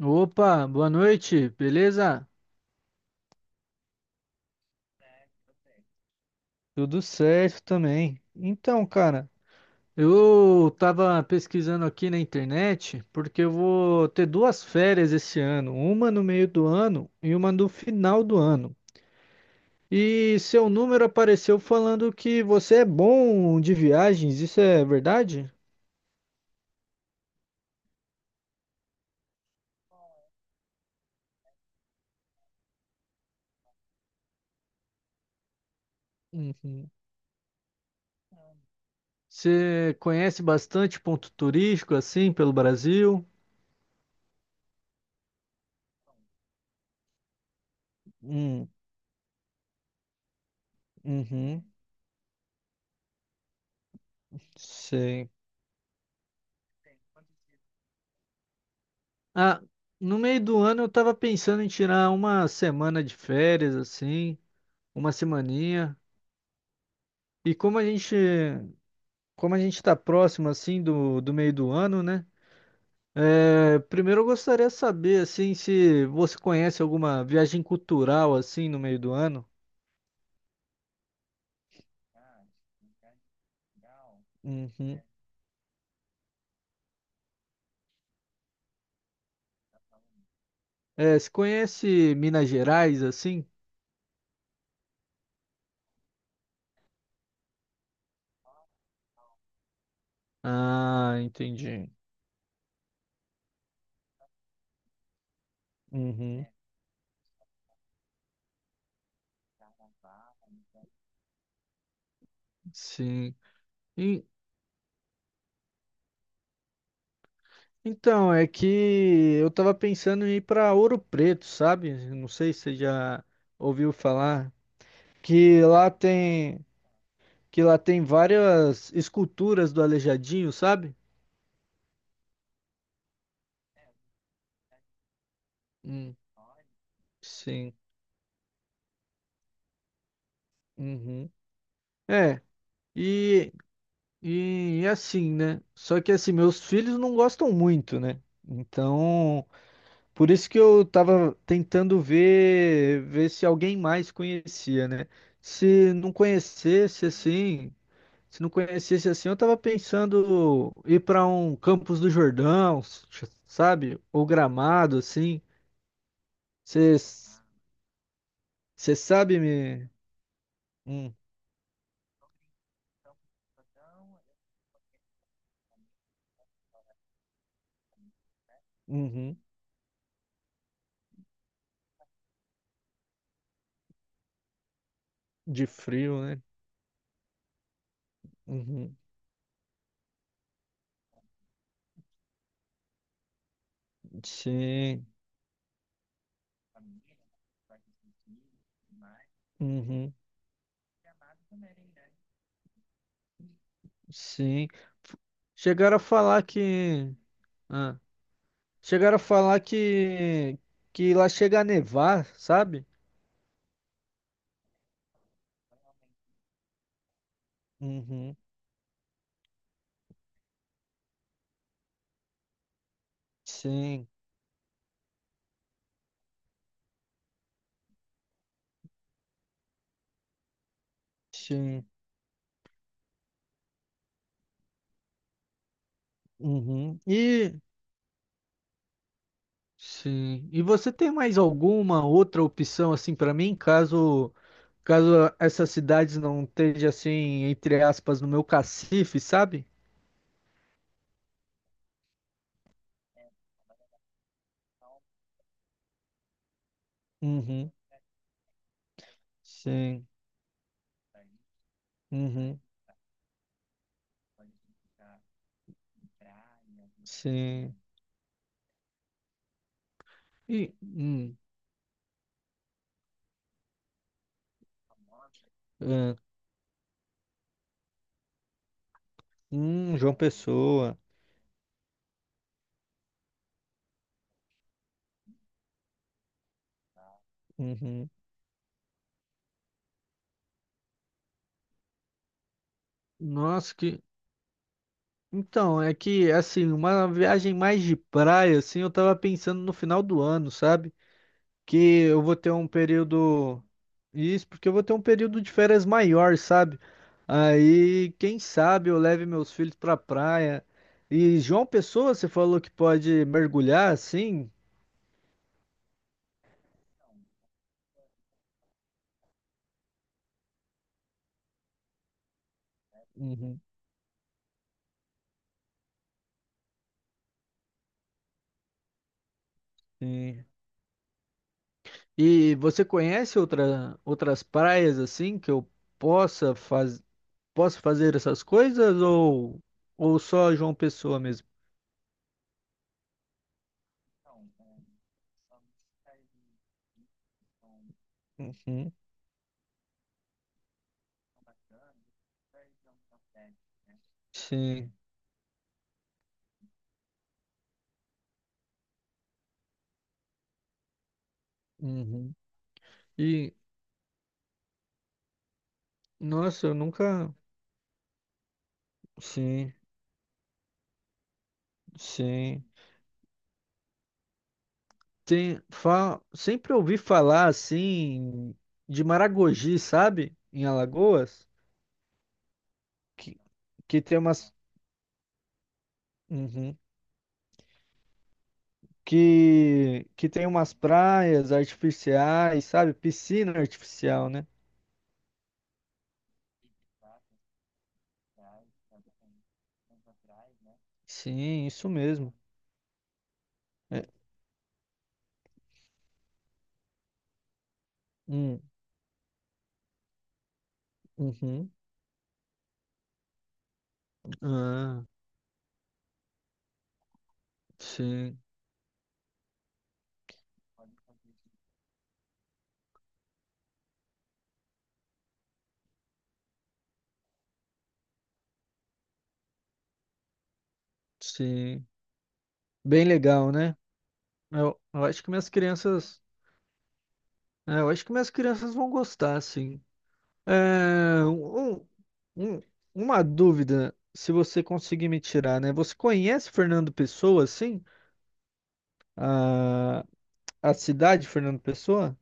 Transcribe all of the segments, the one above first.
Opa, boa noite, beleza? Tudo certo também. Então, cara, eu tava pesquisando aqui na internet porque eu vou ter duas férias esse ano, uma no meio do ano e uma no final do ano. E seu número apareceu falando que você é bom de viagens, isso é verdade? Uhum. Você conhece bastante ponto turístico assim pelo Brasil? Hum. Uhum. Sei. Ah, no meio do ano eu tava pensando em tirar uma semana de férias, assim, uma semaninha. E como a gente tá próximo, assim, do meio do ano, né? É, primeiro eu gostaria de saber, assim, se você conhece alguma viagem cultural, assim, no meio do ano. Uhum. É, se conhece Minas Gerais, assim? Ah, entendi. Uhum. Sim. E- Então, é que eu tava pensando em ir pra Ouro Preto, sabe? Não sei se você já ouviu falar que lá tem que lá tem várias esculturas do Aleijadinho, sabe? Hum, sim. Uhum. É. E, e assim, né? Só que assim, meus filhos não gostam muito, né? Então, por isso que eu tava tentando ver se alguém mais conhecia, né? Se não conhecesse assim, Se não conhecesse assim, eu tava pensando ir pra um Campos do Jordão, sabe? Ou Gramado, assim. Você sabe me. Hum, uhum. De frio, né? Uhum. Sim. Uhum. Sim. F- Chegaram a falar que. Ah, chegaram a falar que. Que lá chega a nevar, sabe? Uhum. Sim. Sim. Uhum. E. Sim. E você tem mais alguma outra opção assim para mim, caso caso essas cidades não estejam assim, entre aspas, no meu cacife, sabe? Uhum. Sim. Uhum. Sim. E é, João Pessoa. Uhum. Nossa, que então, é que assim, uma viagem mais de praia assim, eu tava pensando no final do ano, sabe? Que eu vou ter um período. Isso, porque eu vou ter um período de férias maior, sabe? Aí, quem sabe eu leve meus filhos pra praia. E João Pessoa, você falou que pode mergulhar assim? Uhum. Sim. E você conhece outras praias assim que eu possa, faz, possa fazer essas coisas ou só João Pessoa mesmo? Uhum. Sim. Uhum. E, nossa, eu nunca. Sim, sim. Tem, sempre ouvi falar assim de Maragogi, sabe? Em Alagoas, que, que tem umas Uhum. Que tem umas praias artificiais, sabe? Piscina artificial, né? Sim, isso mesmo. É, hum, uhum. Ah, sim, sim. Bem legal, né? Eu acho que minhas crianças, é, eu acho que minhas crianças vão gostar, sim. Ah, um- uma dúvida, se você conseguir me tirar, né? Você conhece Fernando Pessoa, sim? A, a cidade Fernando Pessoa?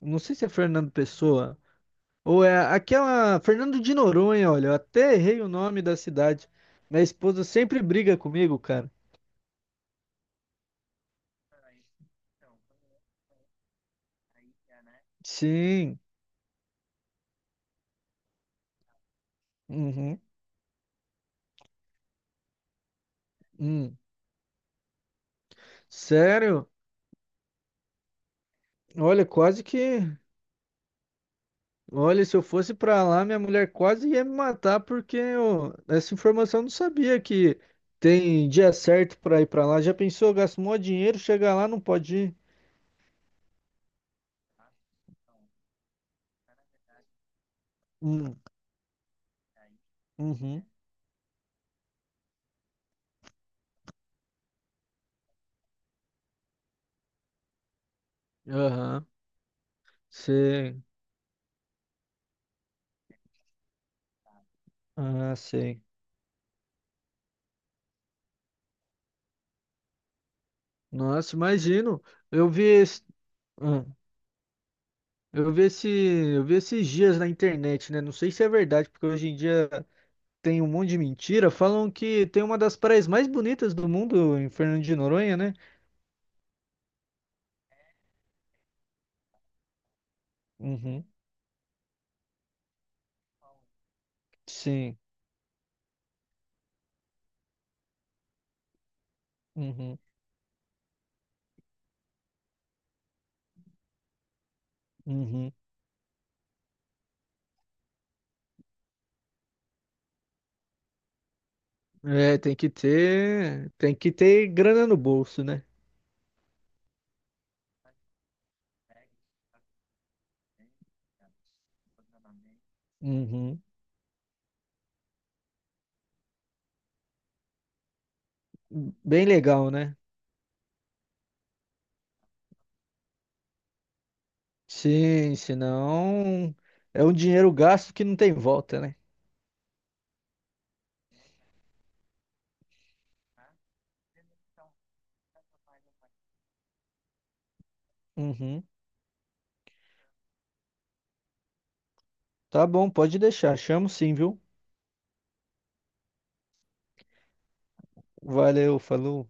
Não sei se é Fernando Pessoa ou é aquela Fernando de Noronha, olha, eu até errei o nome da cidade. Minha esposa sempre briga comigo, cara. Sim. Uhum. Hum. Sério? Olha, quase que. Olha, se eu fosse pra lá, minha mulher quase ia me matar porque eu, essa informação eu não sabia que tem dia certo pra ir pra lá. Já pensou, gasta mó dinheiro, chega lá, não pode ir. Hum, Uhum. Aham. Sei. Ah, sei. Nossa, imagino. Eu vi esse, ah, eu vi esses dias na internet, né? Não sei se é verdade, porque hoje em dia tem um monte de mentira. Falam que tem uma das praias mais bonitas do mundo em Fernando de Noronha, né? Uhum. Sim. Uhum. Uhum. É, tem que ter grana no bolso, né? Uhum. Bem legal, né? Sim, senão é um dinheiro gasto que não tem volta, né? Uhum. Tá bom, pode deixar. Chamo sim, viu? Valeu, falou.